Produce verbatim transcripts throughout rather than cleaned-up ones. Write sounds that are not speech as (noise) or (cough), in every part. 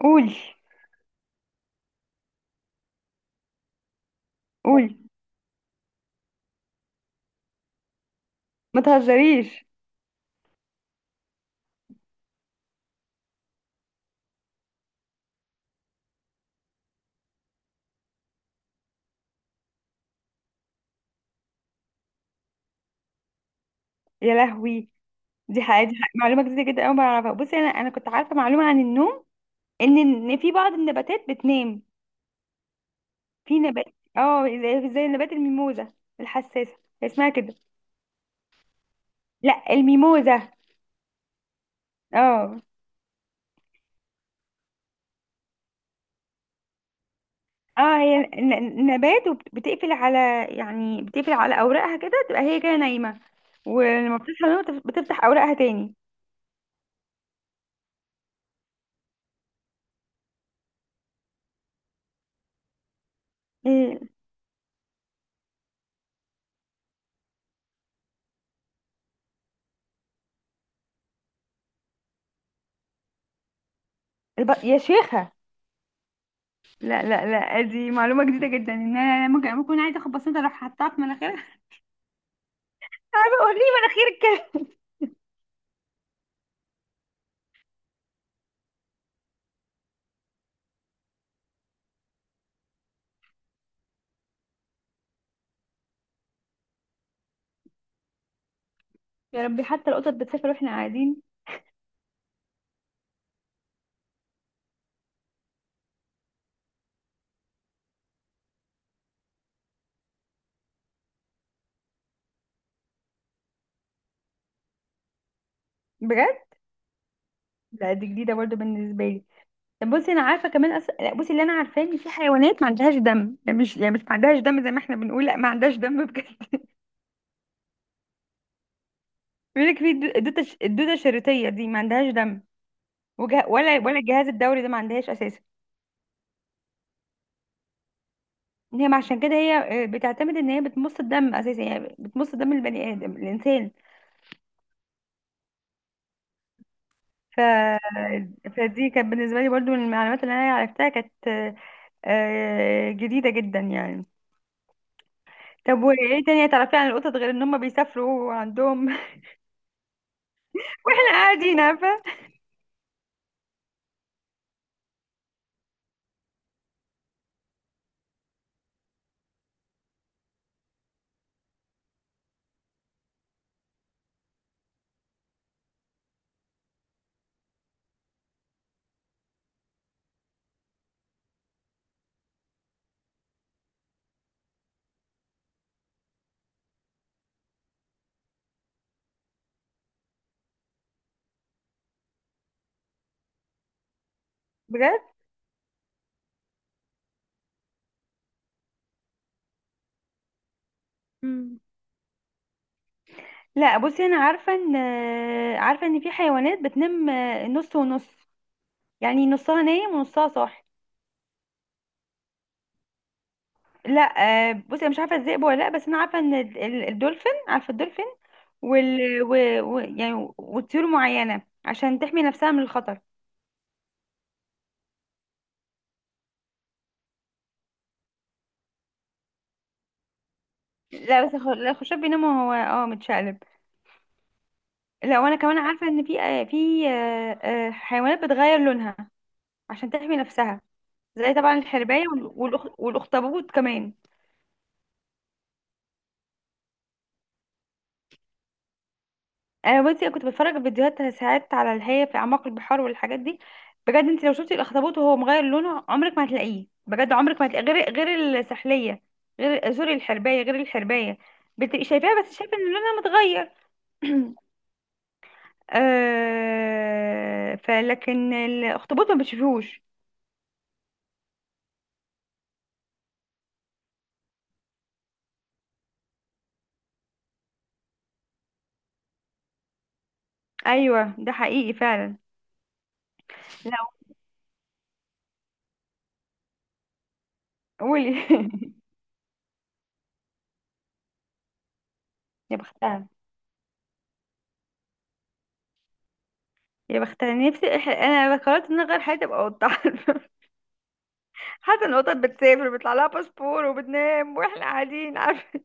قولي. قولي. ما تهزريش. يا لهوي، دي حقيقة دي حقيقة. معلومة جديدة جدا أوي ما أعرفها. بصي، أنا أنا كنت عارفة معلومة عن النوم. إن إن في بعض النباتات بتنام. في نبات، اه، زي زي نبات الميموزة، الحساسة، هي اسمها كده. لا، الميموزة. اه. اه، هي ن- ن- نبات، وبتقفل على، يعني بتقفل على أوراقها كده، تبقى هي كده نايمة. ولما بتصحى من النوم بتف- بتفتح أوراقها تاني. إيه، الب... يا شيخة. لا لا لا، دي معلومة جديدة جدا. ان انا ممكن، ممكن عايزة اخد بصمتي اروح حطها في مناخيرها. (laughs) عارفة اوريه مناخيرك. (laughs) كده. يا ربي، حتى القطط بتسافر واحنا قاعدين. بجد؟ لا، دي جديدة برضو بالنسبة لي. طب بصي، انا عارفة كمان، أس... لا، بصي، اللي انا عارفاه ان في حيوانات ما عندهاش دم. يعني مش، يعني مش ما عندهاش دم زي ما احنا بنقول، لا ما عندهاش دم بجد. (laughs) بيقول لك في الدو- الدودة الش- الدودة الشريطية دي ما عندهاش دم. وجه... ولا، ولا الجهاز الدوري ده ما عندهاش اساسا. هي عشان كده هي، آه، بتعتمد ان هي بتمص الدم اساسا، يعني بتمص دم البني ادم، الانسان. فدي كانت بالنسبة لي برضو من المعلومات اللي أنا عرفتها، كانت آه، آه، جديدة جدا يعني. طب وإيه تاني تعرفي عن القطط غير إن هما بيسافروا وعندهم، (laughs) وإحنا قاعدين، عارفة. بجد؟ مم. لا بصي، أنا عارفة إن، آه، عارفة إن في حيوانات بتنام، آه، نص ونص، يعني نصها نايم ونصها صاحي. لا، آه، بصي أنا مش عارفة الذئب ولا لأ، بس أنا عارفة إن ال- ال- الدولفين، عارفة الدولفين؟ وال و... و... يعني وطيور معينة عشان تحمي نفسها من الخطر. لا بس الخ- لا، الخشب بينام وهو، اه، متشقلب. لا، وانا كمان عارفه ان في، آه، في آه، آه، حيوانات بتغير لونها عشان تحمي نفسها. زي طبعا الحرباية، وال- والأخ- والاخطبوط كمان. انا بصي كنت بتفرج في فيديوهات ساعات على اللي هي في اعماق البحار والحاجات دي. بجد، انت لو شفتي الاخطبوط وهو مغير لونه، عمرك ما هتلاقيه، بجد عمرك ما هتلاقيه، غير، غير السحليه، غير سوري الحرباية، غير الحرباية. بتبقي شايفاها، بس شايفه ان لونها متغير. (clears throat) آه، فلكن الاخطبوط ما بتشوفوش. ايوه، ده حقيقي فعلا. لا، قولي. (laughs) يا بختها. يا بختها، نفسي، إح- انا قررت ان أنا اغير حياتي ابقى قطه. (laughs) عارفة؟ حتى ان القطط بتسافر بيطلع لها باسبور وبتنام واحنا قاعدين، عارفه.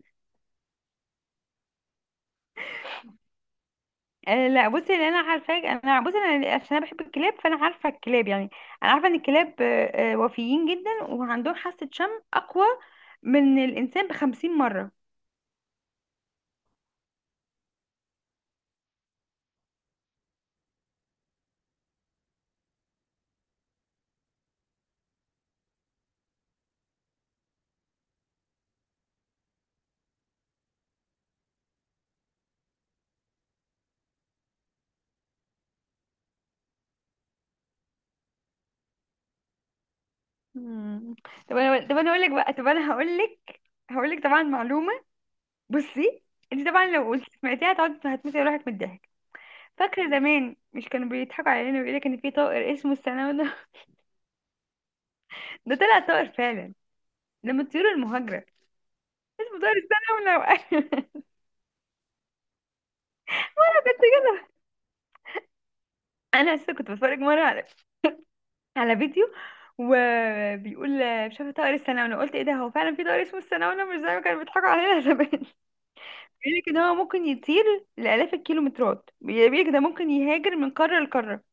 آه، لا بصي، اللي انا عارفاه انا، بصي، انا عشان انا بحب الكلاب فانا عارفه الكلاب يعني. انا عارفه ان الكلاب، آه، آه، وفيين جدا وعندهم حاسه شم اقوى من الانسان بخمسين مره. مم. طب انا طب انا اقول لك بقى طب انا هقول لك. هقول لك طبعا معلومه. بصي، انت طبعا لو قلت سمعتيها هتقعدي هتموتي روحك من الضحك. فاكره زمان مش كانوا بيضحكوا علينا ويقولوا لك ان في طائر اسمه السنونو؟ (laughs) ده طلع طائر فعلا، لما الطيور المهاجره، اسمه طائر السنونو. (laughs) انا لسه كنت بتفرج مره على، على فيديو، وبيقول، شاف طائر السنونو، قلت ايه ده، هو فعلا في طائر اسمه السنونو، مش زي ما كانوا بيضحكوا علينا زمان. (laughs) بيقول لك ان هو ممكن يطير لالاف الكيلومترات، بيقول لك ده ممكن يهاجر من قاره لقاره.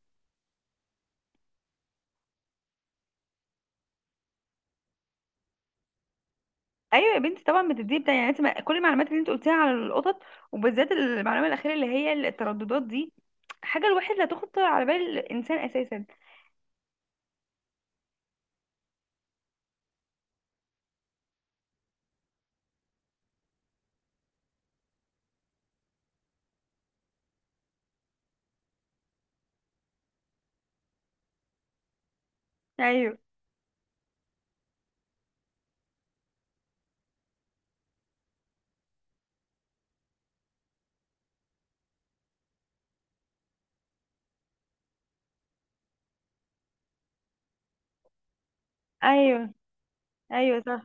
ايوه يا بنتي، طبعا بتديه بتاع، يعني، انت ما- كل المعلومات اللي انت قلتيها على القطط، وبالذات المعلومه الاخيره اللي هي الترددات دي، حاجه الواحد لا تخطر على بال الانسان اساسا. ايوه. ايوه. ايوه صح.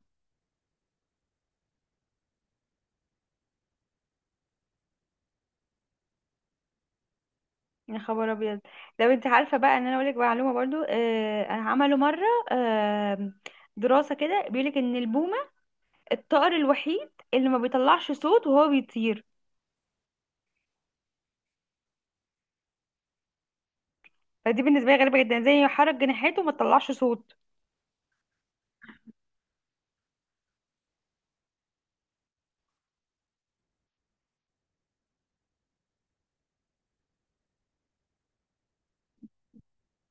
يا خبر ابيض. لو انت عارفه بقى، ان انا اقول لك معلومه برضو، آه، عملوا مره، آه، دراسه كده، بيقول لك ان البومه الطائر الوحيد اللي ما بيطلعش صوت وهو بيطير. فدي بالنسبه لي غريبه جدا، زي يحرك جناحاته وما تطلعش صوت.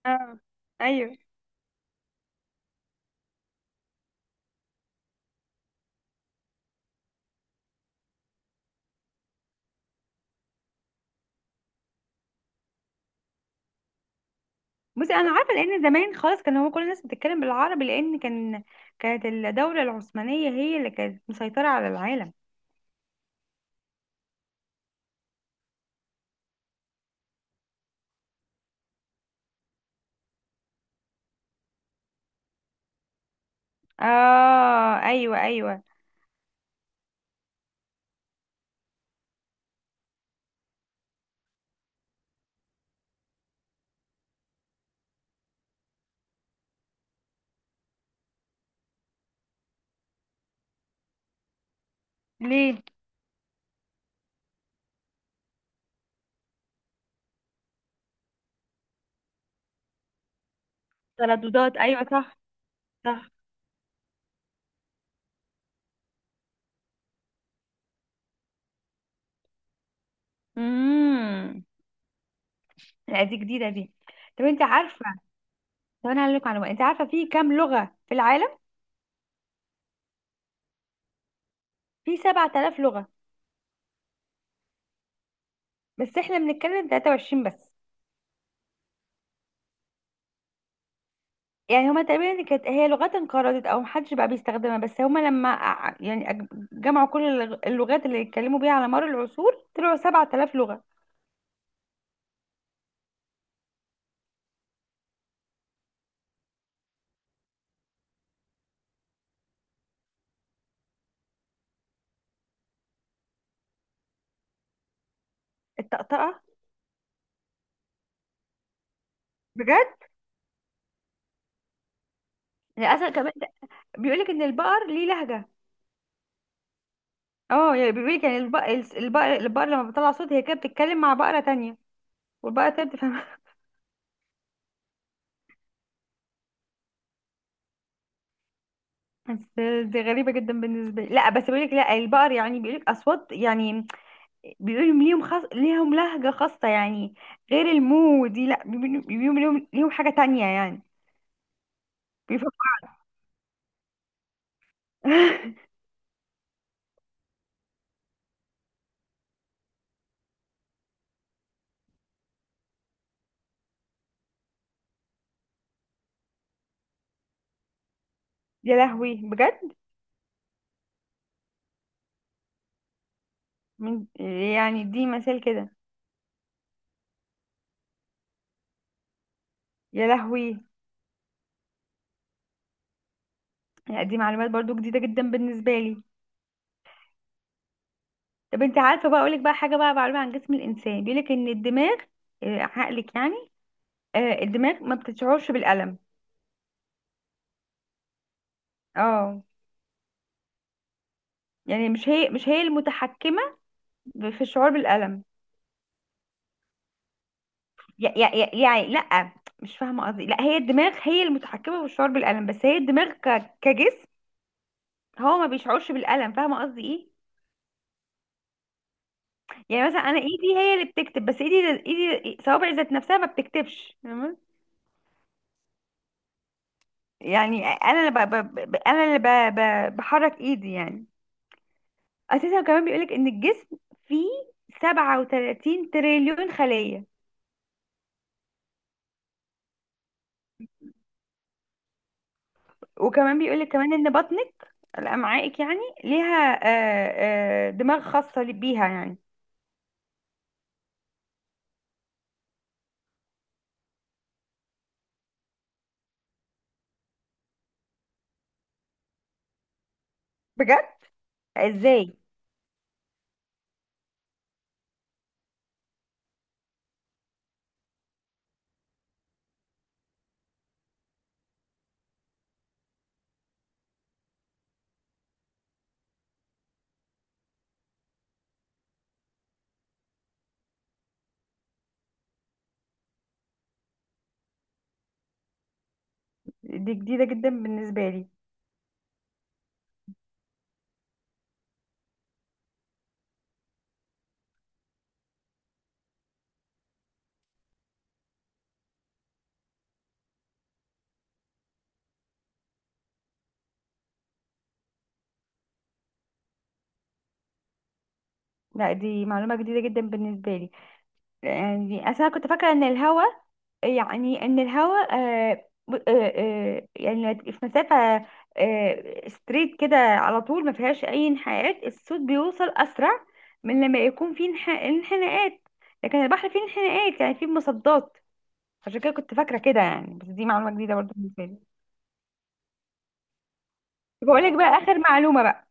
اه. ايوه. بصي انا عارفه، لان زمان خالص كان هو كل الناس بتتكلم بالعربي، لان كان، كانت الدوله العثمانيه هي اللي كانت مسيطره على العالم. اه. ايوه ايوه. ليه. ترددات، ايوه صح. صح. امم. لا دي جديده دي. طب انت عارفه، طب انا هقول لك معلومه، انت عارفه في كام لغه في العالم؟ في سبعة آلاف لغه، بس احنا بنتكلم ثلاثة وعشرين بس. يعني هما تقريبا كانت هي لغات انقرضت او محدش بقى بيستخدمها، بس هما لما ع- يعني أج- جمعوا كل اللغ- اللغات اللي اتكلموا بيها على مر العصور طلعوا سبعة آلاف لغة. الطقطقة. بجد؟ للاسف كمان بيقولك ان البقر ليه لهجة. اه، يعني بيقولك يعني البقر، البقر, البقر لما بيطلع صوت هي كده بتتكلم مع بقرة تانية، والبقرة التانية بتفهمها. (laughs) بس دي غريبة جدا بالنسبة لي. لا بس بيقولك لا، البقر يعني بيقولك اصوات يعني، بيبقى ليهم خاص ليهم لهجة خاصة يعني، غير المو دي. لا، بيبقى بيبقى ليهم ليهم حاجة تانية يعني. بيفكر. (laughs) يا لهوي بجد. من، يعني دي مثال كده. يا لهوي. لا دي معلومات برضو جديدة جدا بالنسبة لي. طب انت عارفة بقى اقولك بقى حاجة بقى، معلومة عن جسم الانسان، بيقولك ان الدماغ، آه، عقلك يعني، آه، الدماغ ما بتشعرش بالألم. اه، يعني مش هي مش هي المتحكمة في الشعور بالألم. يع- يع- يعني لا، مش فاهمه قصدي، لا هي الدماغ هي المتحكمه بالشعور بالالم، بس هي الدماغ، ك... كجسم، هو ما بيشعرش بالالم، فاهمه قصدي ايه؟ يعني مثلا انا ايدي هي اللي بتكتب، بس ايدي ايدي صوابعي ذات نفسها ما بتكتبش، فاهمة؟ يعني انا اللي ب... ب... ب... انا اللي ب... ب... بحرك ايدي يعني. اساسا كمان بيقولك ان الجسم فيه سبعة وتلاتين تريليون خليه. وكمان بيقولك كمان ان بطنك، الامعائك يعني ليها، آه، آه، دماغ خاصه بيها يعني. بجد؟ ازاي؟ دي جديدة جدا بالنسبة لي. لا دي معلومة جديدة جدا بالنسبة لي. يعني أصل أنا كنت فاكرة إن الهوا، يعني إن الهوا، آه آه آه يعني في مسافة، آه، ستريت كده على طول ما فيهاش أي انحناءات، الصوت بيوصل أسرع من لما يكون فيه انح- انحناءات. لكن البحر فيه انحناءات يعني فيه مصدات، عشان كده كنت فاكرة كده يعني، بس دي معلومة جديدة برضه بالنسبة لي. بقول لك بقى آخر معلومة بقى.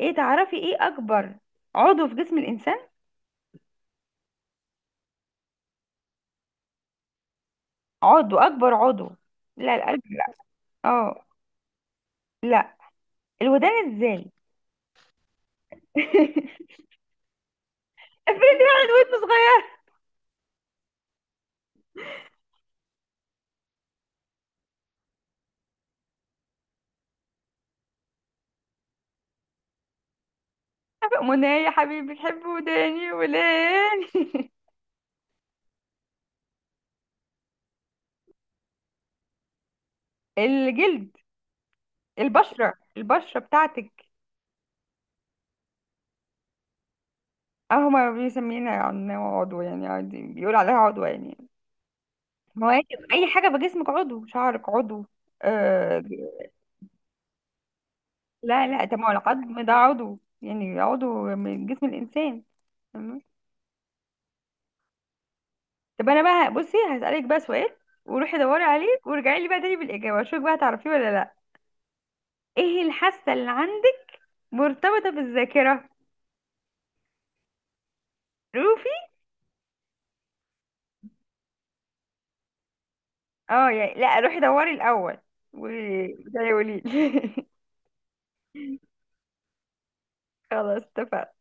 إيه تعرفي إيه أكبر عضو في جسم الإنسان؟ عضو، اكبر عضو. لا، القلب لا. اه، لا. الودان ازاي؟ (laughs) افرض واحد ودنه صغيرة. منى يا حبيبي، بتحب وداني ولاني؟ (laughs) الجلد. البشرة البشرة بتاعتك. اهو ما بيسمينا عنها عضو يعني، عادي بيقول عليها عضو يعني. مواكب، اي حاجة بجسمك عضو، شعرك عضو، آه. لا لا، طب ما هو العظم ده عضو يعني، عضو من جسم الانسان. طب انا بقى بصي هسألك بقى سؤال، وروحي دوري عليه وارجعي لي بقى تاني بالإجابة، اشوفك بقى هتعرفيه ولا لا. ايه الحاسة اللي عندك مرتبطة بالذاكرة؟ روفي. اه يعني لا، روحي دوري الأول وتقولي لي. (laughs) خلاص اتفقنا.